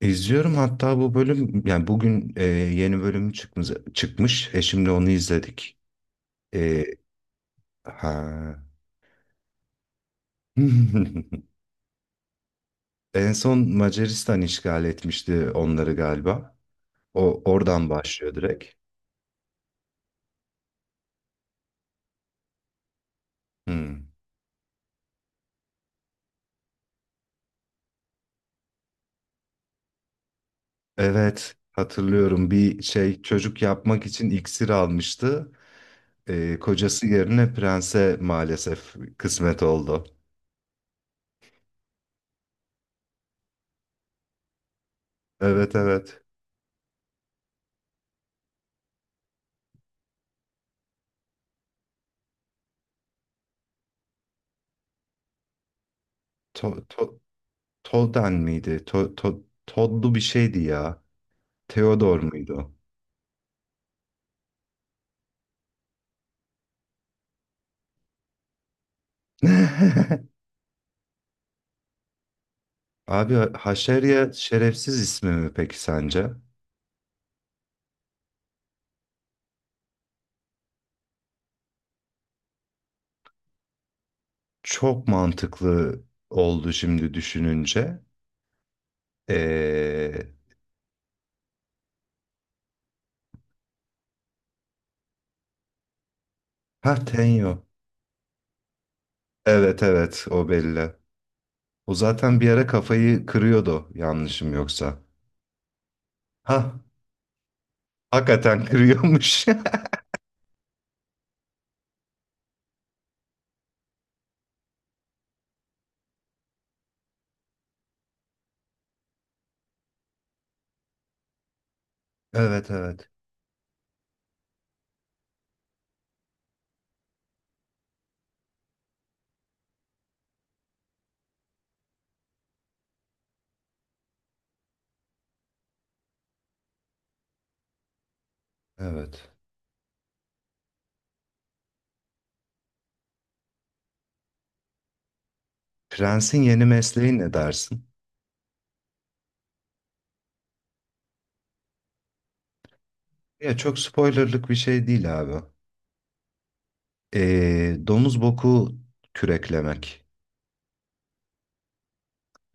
İzliyorum hatta bu bölüm yani bugün yeni bölümü çıkmış. Eşimle onu izledik. E, ha. En son Macaristan işgal etmişti onları galiba. O oradan başlıyor direkt. Hmm. Evet, hatırlıyorum, bir şey çocuk yapmak için iksir almıştı. Kocası yerine prense maalesef kısmet oldu. Evet, evet. To, to, Tolden miydi? Todlu bir şeydi ya. Theodor muydu, o? Abi, Haşerya şerefsiz ismi mi peki sence? Çok mantıklı oldu şimdi düşününce. Ee... Ha, Tenyo. Evet, evet, o belli. O zaten bir ara kafayı kırıyordu, yanlışım yoksa. Ha, hakikaten kırıyormuş. Evet, evet, evet. Prensin yeni mesleği ne dersin? Ya çok spoilerlık bir şey değil abi. Domuz boku küreklemek.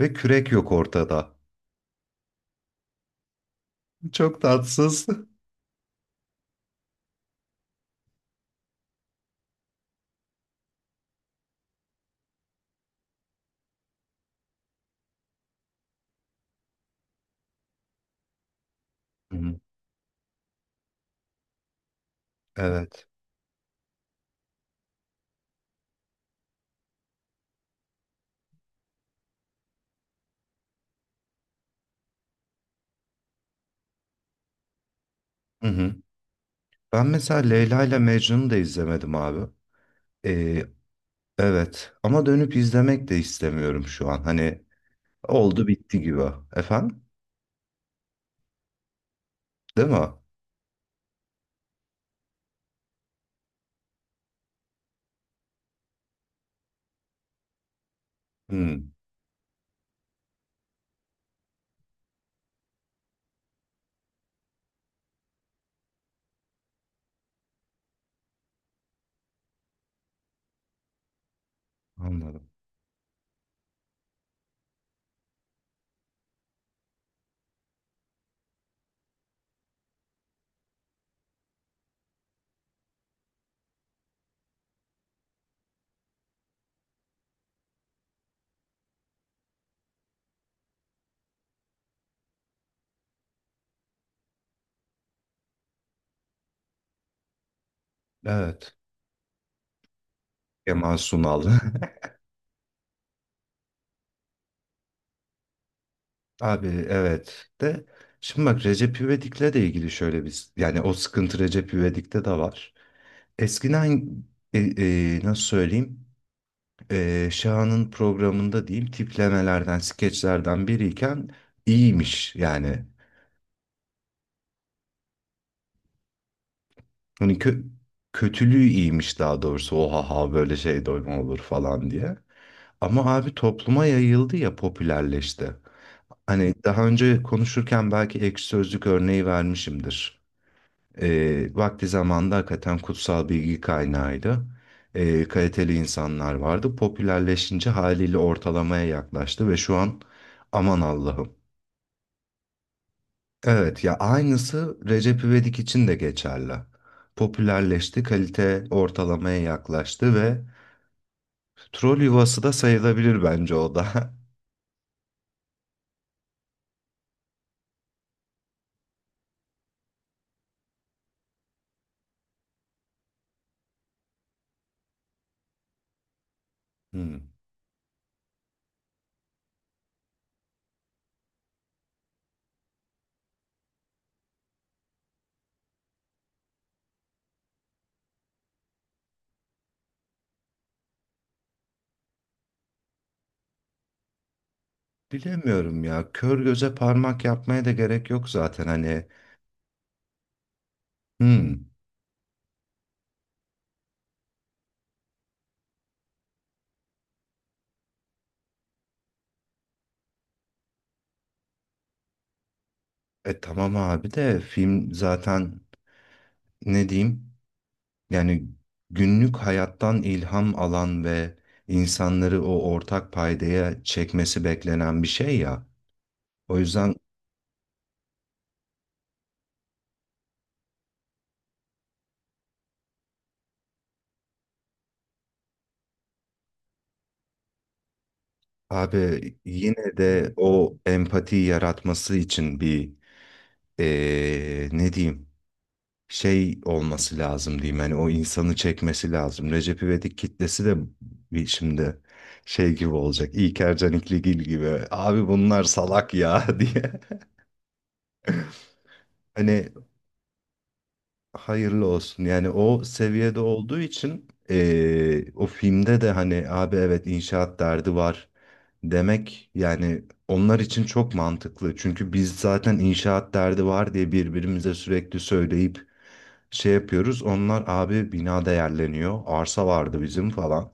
Ve kürek yok ortada. Çok tatsız. Hı hı. Evet. Hı hı. Ben mesela Leyla ile Mecnun'u da izlemedim abi. Ee, evet. Ama dönüp izlemek de istemiyorum şu an. Hani oldu bitti gibi. Efendim? Değil mi? Hı, anladım. Evet. Kemal Sunal. Abi, evet. De şimdi bak, Recep İvedik'le de ilgili şöyle bir, yani o sıkıntı Recep İvedik'te de var. Eskiden nasıl söyleyeyim, Şahan'ın programında diyeyim, tiplemelerden, skeçlerden biriyken iyiymiş yani. Hani kötülüğü iyiymiş daha doğrusu. Oha, ha böyle şey de mi olur falan diye. Ama abi topluma yayıldı ya, popülerleşti. Hani daha önce konuşurken belki ekşi sözlük örneği vermişimdir. Vakti zamanında hakikaten kutsal bilgi kaynağıydı. Kaliteli insanlar vardı. Popülerleşince haliyle ortalamaya yaklaştı ve şu an aman Allah'ım. Evet ya, aynısı Recep İvedik için de geçerli. Popülerleşti, kalite ortalamaya yaklaştı ve troll yuvası da sayılabilir bence o da. Hmm. Bilemiyorum ya. Kör göze parmak yapmaya da gerek yok zaten, hani. Hmm. Tamam abi, de film zaten, ne diyeyim? Yani günlük hayattan ilham alan ve insanları o ortak paydaya çekmesi beklenen bir şey ya. O yüzden abi yine de o empati yaratması için bir ne diyeyim, şey olması lazım diyeyim. Yani o insanı çekmesi lazım. Recep İvedik kitlesi de bir şimdi şey gibi olacak. İlker Canikligil gibi. Abi bunlar salak ya, diye. Hani hayırlı olsun. Yani o seviyede olduğu için o filmde de hani abi evet, inşaat derdi var demek, yani onlar için çok mantıklı. Çünkü biz zaten inşaat derdi var diye birbirimize sürekli söyleyip şey yapıyoruz. Onlar abi bina değerleniyor, arsa vardı bizim falan.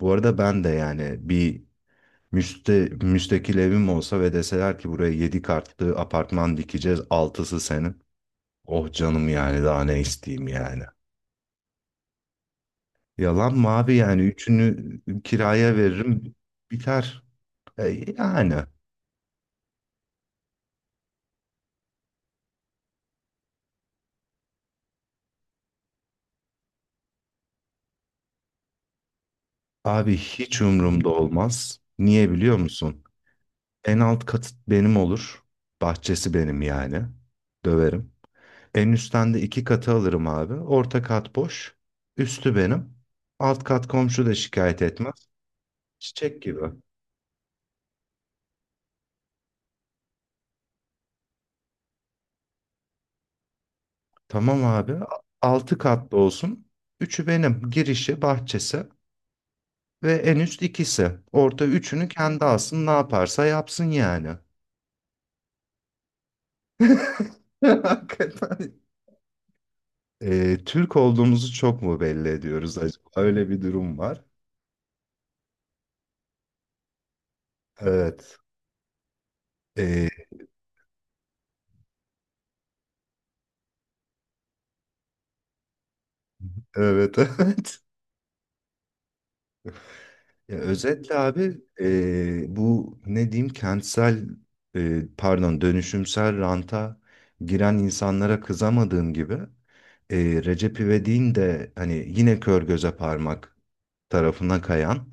Bu arada ben de yani bir müstakil evim olsa ve deseler ki buraya 7 katlı apartman dikeceğiz, altısı senin. Oh canım, yani daha ne isteyeyim yani. Yalan mı abi, yani üçünü kiraya veririm biter. E, yani. Abi hiç umurumda olmaz. Niye biliyor musun? En alt katı benim olur. Bahçesi benim yani. Döverim. En üstten de iki katı alırım abi. Orta kat boş. Üstü benim. Alt kat komşu da şikayet etmez. Çiçek gibi. Tamam abi. Altı katlı olsun. Üçü benim. Girişi, bahçesi ve en üst ikisi. Orta üçünü kendi alsın, ne yaparsa yapsın yani. Hakikaten Türk olduğumuzu çok mu belli ediyoruz acaba? Öyle bir durum var. Evet. Ee, evet, evet. Ya özetle abi, bu ne diyeyim, kentsel pardon, dönüşümsel ranta giren insanlara kızamadığım gibi, e, Recep İvedik'in de hani yine kör göze parmak tarafına kayan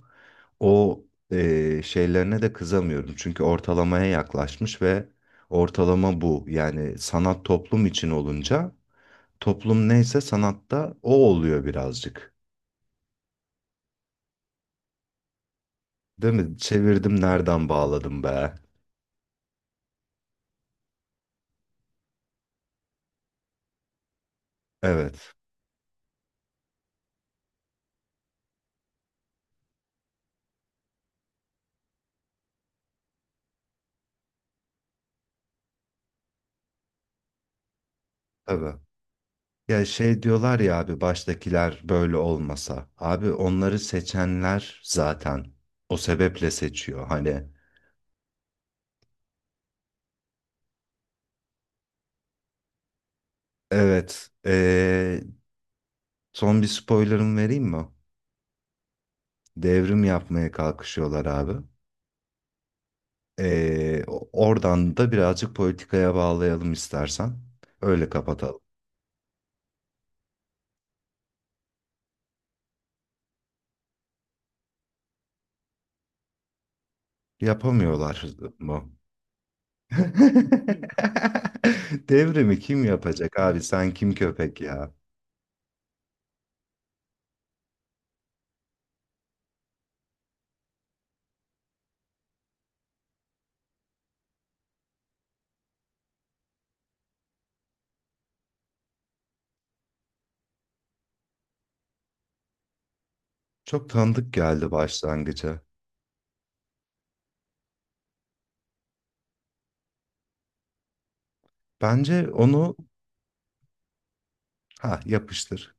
o şeylerine de kızamıyorum. Çünkü ortalamaya yaklaşmış ve ortalama bu. Yani sanat toplum için olunca, toplum neyse sanatta o oluyor birazcık. Değil mi? Çevirdim, nereden bağladım be? Evet, tabii. Ya şey diyorlar ya abi, baştakiler böyle olmasa. Abi onları seçenler zaten o sebeple seçiyor. Hani evet, son bir spoiler'ım vereyim mi? Devrim yapmaya kalkışıyorlar abi. Oradan da birazcık politikaya bağlayalım istersen. Öyle kapatalım. Yapamıyorlar mı? Devrimi kim yapacak abi? Sen kim köpek ya? Çok tanıdık geldi başlangıca. Bence onu ha yapıştır.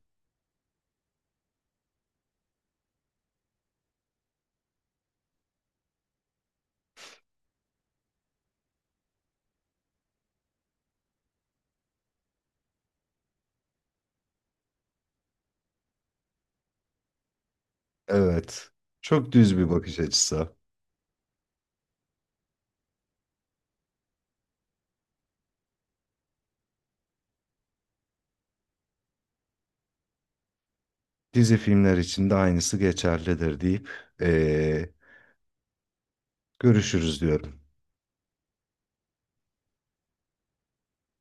Evet. Çok düz bir bakış açısı. Dizi filmler için de aynısı geçerlidir deyip eee, görüşürüz diyorum.